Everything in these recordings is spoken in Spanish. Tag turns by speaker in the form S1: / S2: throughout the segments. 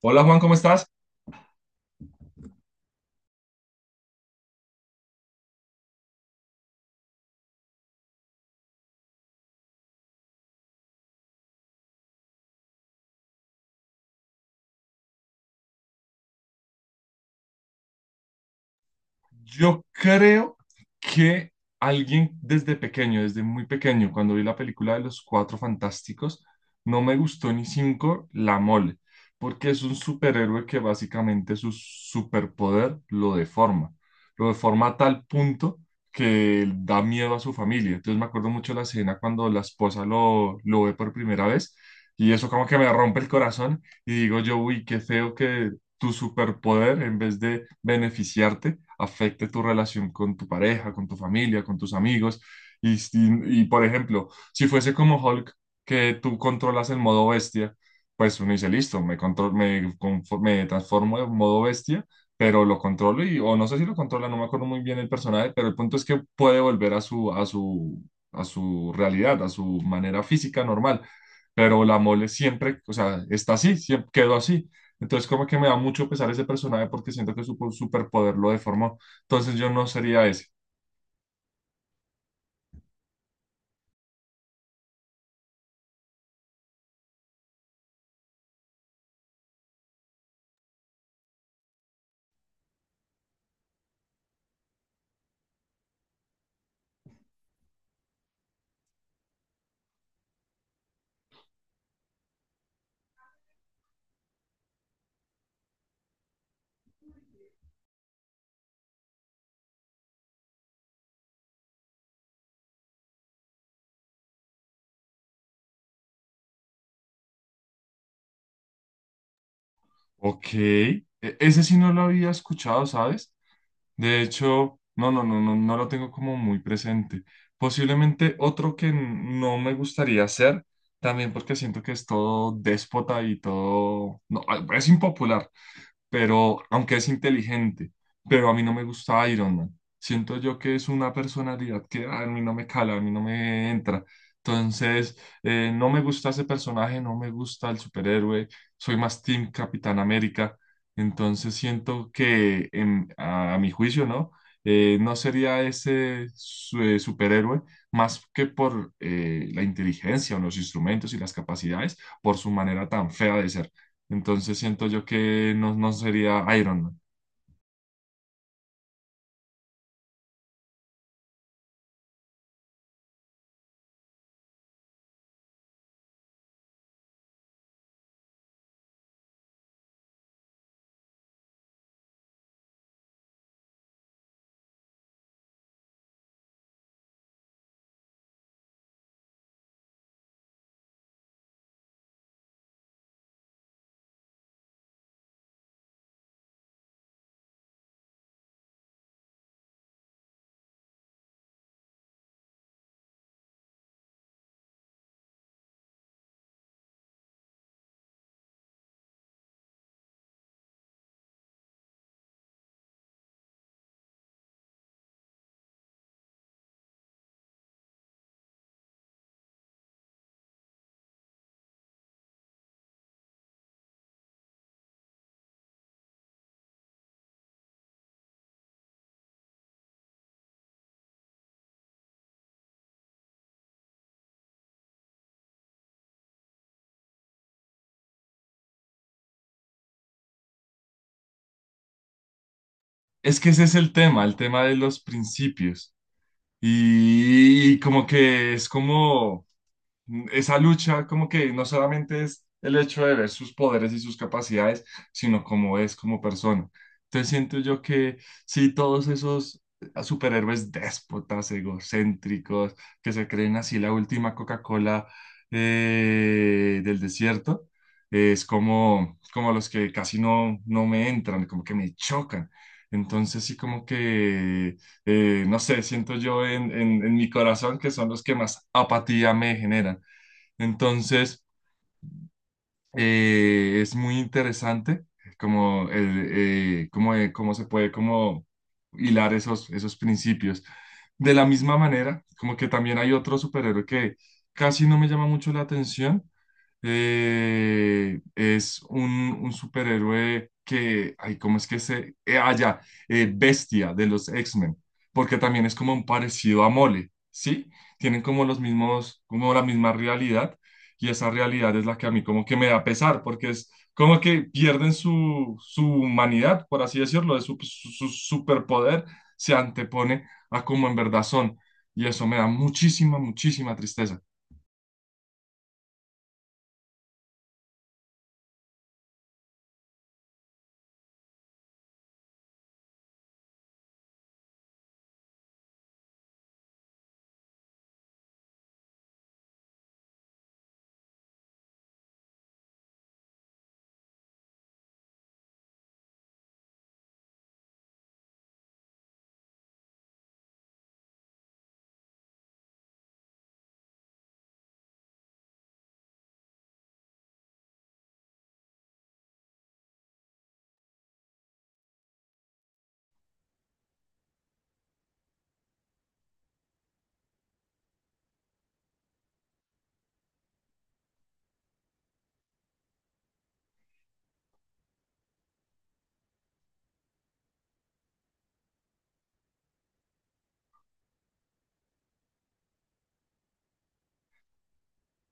S1: Hola Juan, ¿cómo estás? Yo creo que alguien desde pequeño, desde muy pequeño, cuando vi la película de los Cuatro Fantásticos, no me gustó ni cinco la mole, porque es un superhéroe que básicamente su superpoder lo deforma. Lo deforma a tal punto que da miedo a su familia. Entonces me acuerdo mucho la escena cuando la esposa lo ve por primera vez y eso como que me rompe el corazón y digo yo, uy, qué feo que tu superpoder, en vez de beneficiarte, afecte tu relación con tu pareja, con tu familia, con tus amigos. Por ejemplo, si fuese como Hulk, que tú controlas el modo bestia, pues uno dice, listo, me, control, me, confo- me transformo en modo bestia, pero lo controlo y, o no sé si lo controla, no me acuerdo muy bien el personaje, pero el punto es que puede volver a su realidad, a su manera física normal. Pero la mole siempre, o sea, está así, siempre quedó así. Entonces, como que me da mucho pesar ese personaje porque siento que superpoder lo deformó. Entonces, yo no sería ese. Ok. Ese sí no lo había escuchado, ¿sabes? De hecho, no lo tengo como muy presente. Posiblemente otro que no me gustaría ser, también porque siento que es todo déspota y todo. No, ah, es impopular, pero aunque es inteligente, pero a mí no me gusta Iron Man. Siento yo que es una personalidad que a mí no me cala, a mí no me entra. Entonces, no me gusta ese personaje, no me gusta el superhéroe, soy más Team Capitán América. Entonces, siento que a mi juicio, ¿no? No sería ese superhéroe más que por la inteligencia o los instrumentos y las capacidades, por su manera tan fea de ser. Entonces siento yo que no, no sería Iron Man. Es que ese es el tema de los principios. Y como que es como... Esa lucha como que no solamente es el hecho de ver sus poderes y sus capacidades, sino cómo es como persona. Entonces siento yo que sí, todos esos superhéroes déspotas, egocéntricos, que se creen así la última Coca-Cola del desierto, es como, como los que casi no, no me entran, como que me chocan. Entonces sí como que no sé, siento yo en, en mi corazón que son los que más apatía me generan. Entonces, es muy interesante como el, cómo, cómo se puede como hilar esos, esos principios. De la misma manera, como que también hay otro superhéroe que casi no me llama mucho la atención, es un superhéroe que, ay, ¿cómo es que se...? Ya, Bestia de los X-Men, porque también es como un parecido a Mole, ¿sí? Tienen como los mismos, como la misma realidad, y esa realidad es la que a mí como que me da pesar, porque es como que pierden su, su humanidad, por así decirlo, de su superpoder, se antepone a como en verdad son, y eso me da muchísima, muchísima tristeza.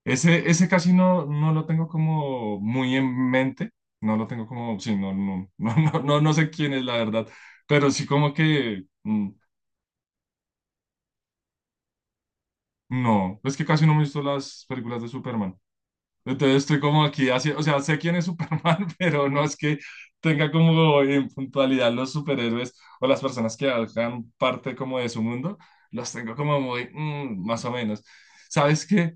S1: Ese casi no, no lo tengo como muy en mente, no lo tengo como, sí, no, no, no sé quién es la verdad, pero sí como que, no, es que casi no me he visto las películas de Superman. Entonces estoy como aquí, así, o sea, sé quién es Superman, pero no es que tenga como en puntualidad los superhéroes o las personas que hagan parte como de su mundo, los tengo como muy, mm, más o menos. ¿Sabes qué?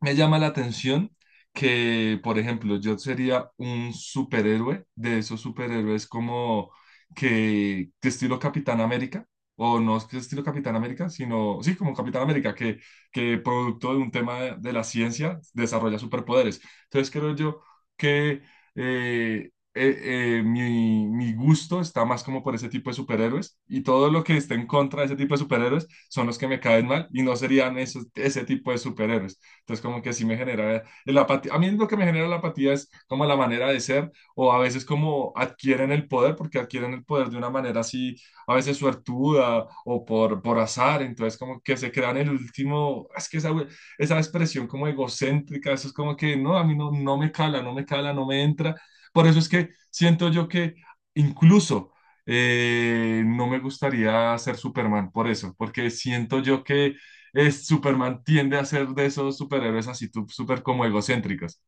S1: Me llama la atención que, por ejemplo, yo sería un superhéroe de esos superhéroes como que estilo Capitán América, o no es que estilo Capitán América, sino, sí, como Capitán América, que producto de un tema de la ciencia desarrolla superpoderes. Entonces creo yo que mi, mi gusto está más como por ese tipo de superhéroes y todo lo que esté en contra de ese tipo de superhéroes son los que me caen mal y no serían esos, ese tipo de superhéroes. Entonces, como que así me genera la apatía. A mí lo que me genera la apatía es como la manera de ser, o a veces como adquieren el poder, porque adquieren el poder de una manera así, a veces suertuda o por azar. Entonces, como que se crean el último, es que esa expresión como egocéntrica, eso es como que no, a mí no, no me cala, no me cala, no me entra. Por eso es que siento yo que incluso no me gustaría ser Superman por eso, porque siento yo que es Superman tiende a ser de esos superhéroes así tú, súper como egocéntricos.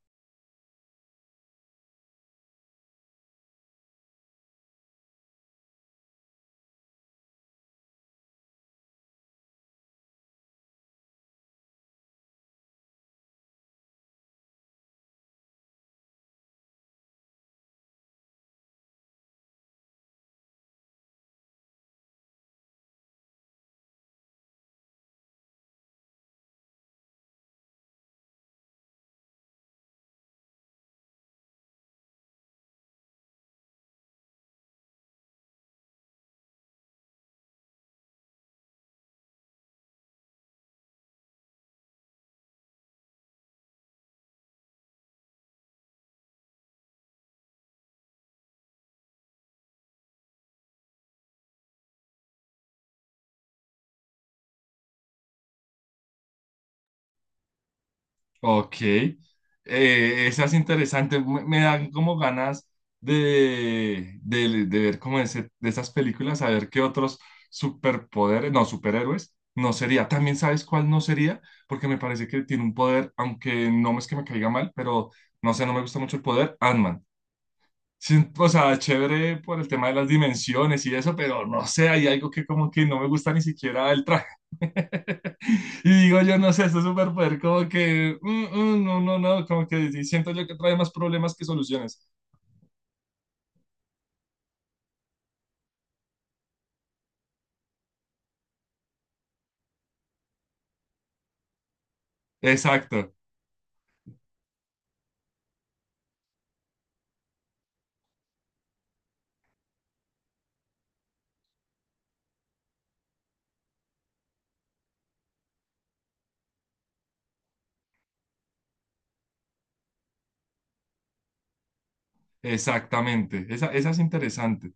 S1: Ok, esa es interesante, me dan como ganas de ver como de esas películas, a ver qué otros superpoderes, no, superhéroes, no sería. También sabes cuál no sería, porque me parece que tiene un poder, aunque no es que me caiga mal, pero no sé, no me gusta mucho el poder, Ant-Man. Sí, o sea, chévere por el tema de las dimensiones y eso, pero no sé, hay algo que como que no me gusta ni siquiera el traje. Y digo, yo no sé, este superpoder como que, mm, no, como que sí, siento yo que trae más problemas que soluciones. Exacto, exactamente. Esa, esa es interesante.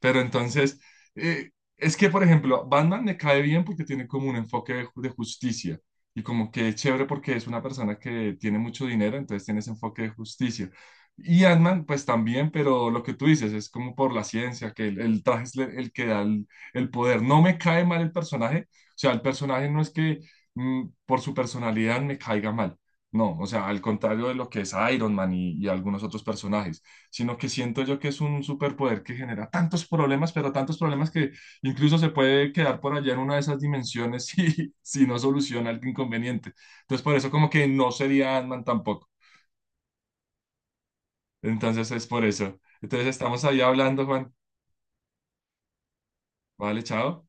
S1: Pero entonces, eh, es que, por ejemplo, Batman me cae bien porque tiene como un enfoque de, de justicia y como que es chévere porque es una persona que tiene mucho dinero, entonces tiene ese enfoque de justicia. Y Ant-Man, pues también, pero lo que tú dices es como por la ciencia, que el traje es el que da el poder. No me cae mal el personaje, o sea, el personaje no es que mm, por su personalidad me caiga mal, no, o sea, al contrario de lo que es Iron Man y algunos otros personajes, sino que siento yo que es un superpoder que genera tantos problemas, pero tantos problemas que incluso se puede quedar por allá en una de esas dimensiones si, si no soluciona el inconveniente. Entonces, por eso como que no sería Ant-Man tampoco. Entonces, es por eso. Entonces, estamos ahí hablando, Juan. Vale, chao.